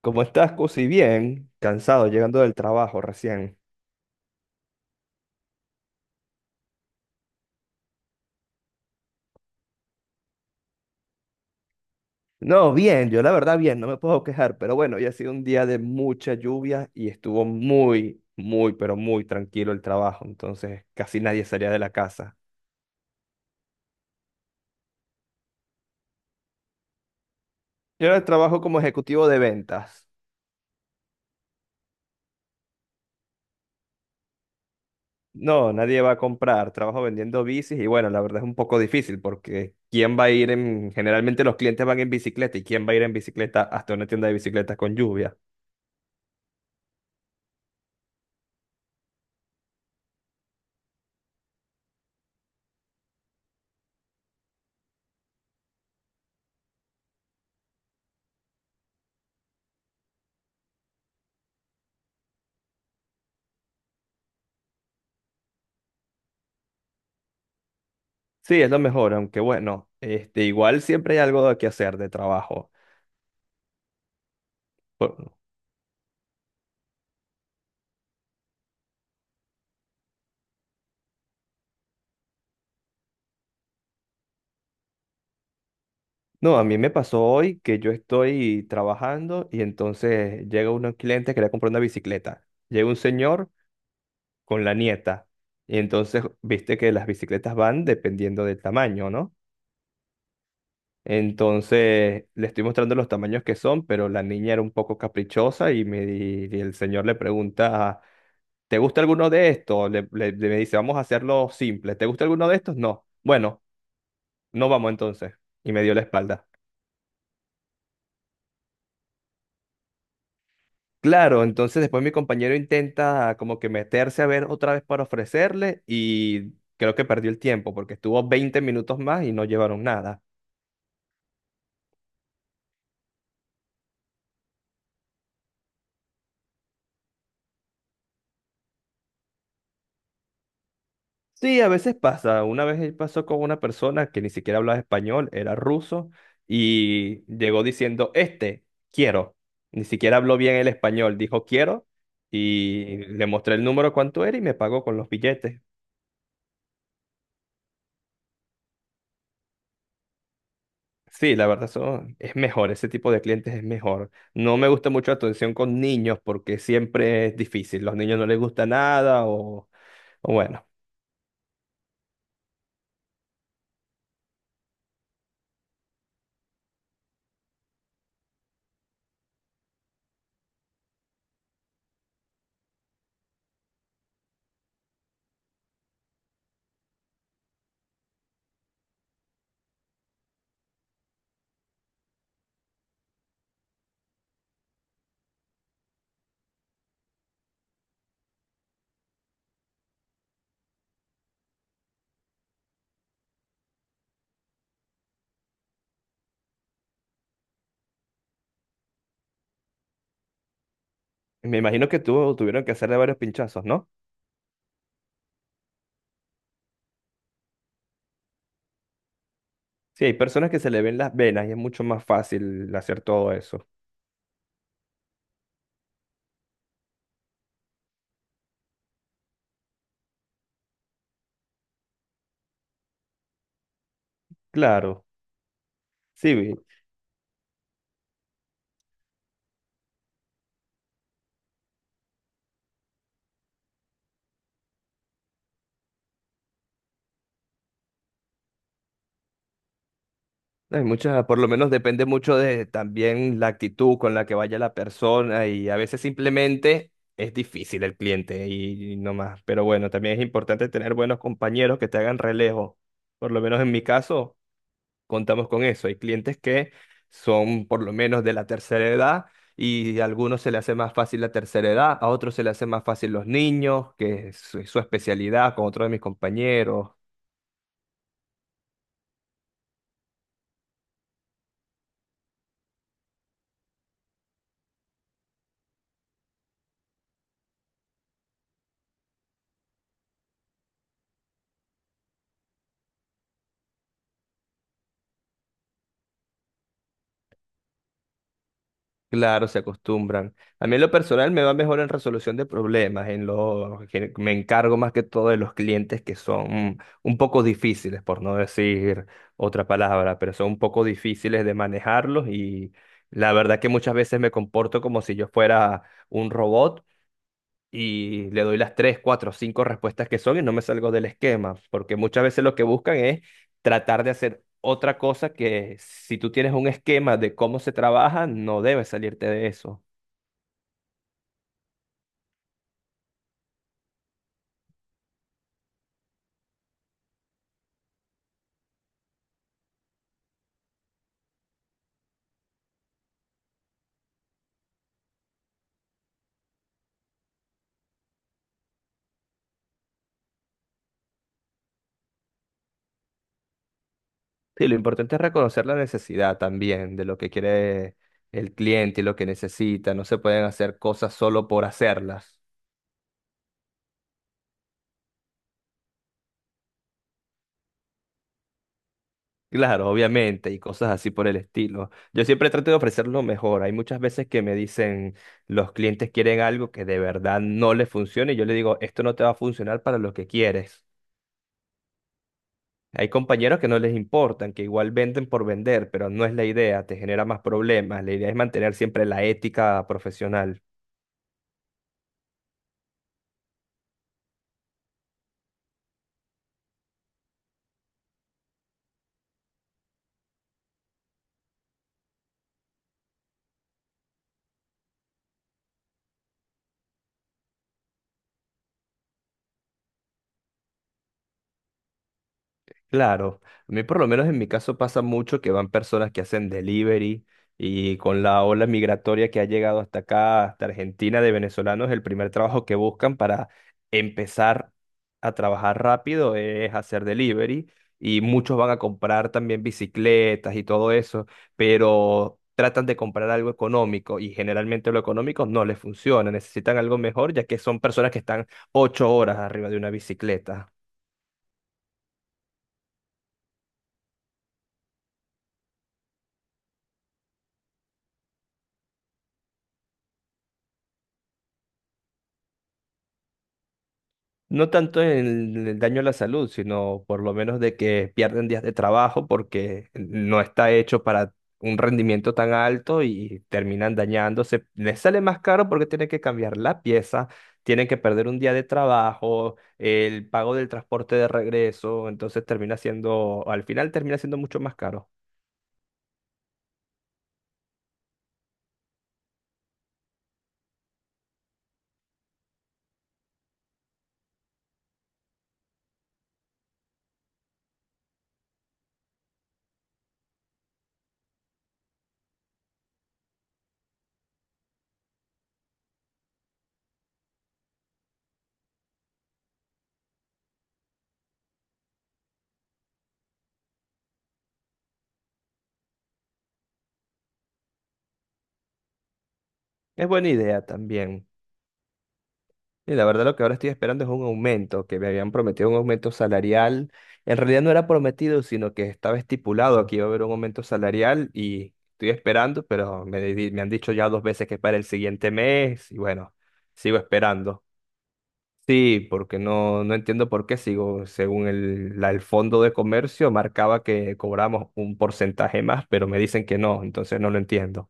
¿Cómo estás, Cusi? Bien, cansado, llegando del trabajo recién. No, bien, yo la verdad bien, no me puedo quejar, pero bueno, hoy ha sido un día de mucha lluvia y estuvo muy, muy, pero muy tranquilo el trabajo, entonces casi nadie salía de la casa. Yo ahora trabajo como ejecutivo de ventas. No, nadie va a comprar, trabajo vendiendo bicis y bueno, la verdad es un poco difícil porque ¿quién va a ir en...? Generalmente los clientes van en bicicleta y ¿quién va a ir en bicicleta hasta una tienda de bicicletas con lluvia? Sí, es lo mejor, aunque bueno, este, igual siempre hay algo que hacer de trabajo. Por- No, a mí me pasó hoy que yo estoy trabajando y entonces llega un cliente que quería comprar una bicicleta. Llega un señor con la nieta y entonces viste que las bicicletas van dependiendo del tamaño, ¿no? Entonces le estoy mostrando los tamaños que son, pero la niña era un poco caprichosa y el señor le pregunta, ¿te gusta alguno de estos? Me dice, vamos a hacerlo simple. ¿Te gusta alguno de estos? No. Bueno, no vamos entonces. Y me dio la espalda. Claro, entonces después mi compañero intenta como que meterse a ver otra vez para ofrecerle y creo que perdió el tiempo porque estuvo 20 minutos más y no llevaron nada. Sí, a veces pasa. Una vez pasó con una persona que ni siquiera hablaba español, era ruso, y llegó diciendo, este, quiero. Ni siquiera habló bien el español, dijo quiero, y le mostré el número cuánto era y me pagó con los billetes. Sí, la verdad, eso es mejor, ese tipo de clientes es mejor. No me gusta mucho la atención con niños porque siempre es difícil. Los niños no les gusta nada o bueno, me imagino que tú tuvieron que hacerle varios pinchazos, ¿no? Sí, hay personas que se le ven las venas y es mucho más fácil hacer todo eso. Claro, sí, vi. Hay muchas, por lo menos depende mucho de también la actitud con la que vaya la persona y a veces simplemente es difícil el cliente y no más. Pero bueno, también es importante tener buenos compañeros que te hagan relevo. Por lo menos en mi caso, contamos con eso. Hay clientes que son por lo menos de la tercera edad y a algunos se le hace más fácil la tercera edad, a otros se le hace más fácil los niños, que es su, su especialidad, con otros de mis compañeros. Claro, se acostumbran. A mí en lo personal me va mejor en resolución de problemas, en lo que me encargo más que todo de los clientes que son un poco difíciles, por no decir otra palabra, pero son un poco difíciles de manejarlos y la verdad que muchas veces me comporto como si yo fuera un robot y le doy las tres, cuatro, cinco respuestas que son y no me salgo del esquema, porque muchas veces lo que buscan es tratar de hacer otra cosa que si tú tienes un esquema de cómo se trabaja, no debes salirte de eso. Sí, lo importante es reconocer la necesidad también de lo que quiere el cliente y lo que necesita. No se pueden hacer cosas solo por hacerlas. Claro, obviamente, y cosas así por el estilo. Yo siempre trato de ofrecer lo mejor. Hay muchas veces que me dicen, los clientes quieren algo que de verdad no les funcione, y yo le digo, esto no te va a funcionar para lo que quieres. Hay compañeros que no les importan, que igual venden por vender, pero no es la idea, te genera más problemas. La idea es mantener siempre la ética profesional. Claro, a mí por lo menos en mi caso pasa mucho que van personas que hacen delivery y con la ola migratoria que ha llegado hasta acá, hasta Argentina, de venezolanos, el primer trabajo que buscan para empezar a trabajar rápido es hacer delivery y muchos van a comprar también bicicletas y todo eso, pero tratan de comprar algo económico y generalmente lo económico no les funciona, necesitan algo mejor ya que son personas que están 8 horas arriba de una bicicleta. No tanto en el daño a la salud, sino por lo menos de que pierden días de trabajo porque no está hecho para un rendimiento tan alto y terminan dañándose. Les sale más caro porque tienen que cambiar la pieza, tienen que perder un día de trabajo, el pago del transporte de regreso, entonces termina siendo, al final termina siendo mucho más caro. Es buena idea también. Y la verdad lo que ahora estoy esperando es un aumento, que me habían prometido un aumento salarial. En realidad no era prometido, sino que estaba estipulado que iba a haber un aumento salarial y estoy esperando, pero me han dicho ya dos veces que es para el siguiente mes y bueno, sigo esperando. Sí, porque no entiendo por qué sigo. Según el fondo de comercio marcaba que cobramos un porcentaje más, pero me dicen que no, entonces no lo entiendo.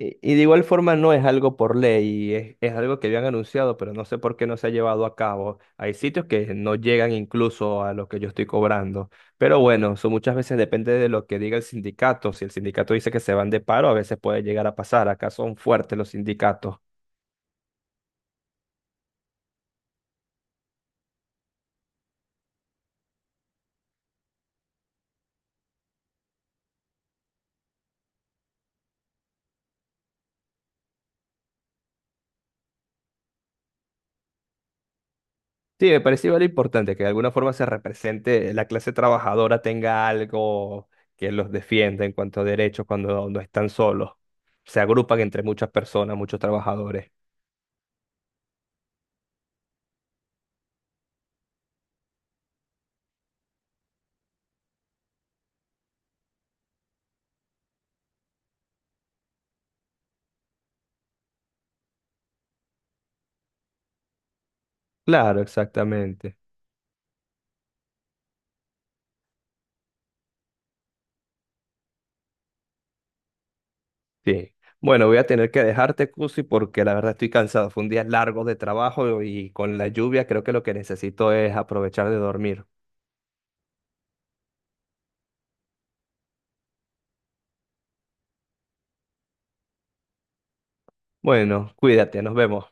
Y de igual forma no es algo por ley, es algo que habían anunciado, pero no sé por qué no se ha llevado a cabo. Hay sitios que no llegan incluso a lo que yo estoy cobrando. Pero bueno, eso muchas veces depende de lo que diga el sindicato. Si el sindicato dice que se van de paro, a veces puede llegar a pasar. Acá son fuertes los sindicatos. Sí, me parece igual importante que de alguna forma se represente, la clase trabajadora tenga algo que los defienda en cuanto a derechos cuando no están solos. Se agrupan entre muchas personas, muchos trabajadores. Claro, exactamente. Sí. Bueno, voy a tener que dejarte, Cusi, porque la verdad estoy cansado. Fue un día largo de trabajo y con la lluvia creo que lo que necesito es aprovechar de dormir. Bueno, cuídate, nos vemos.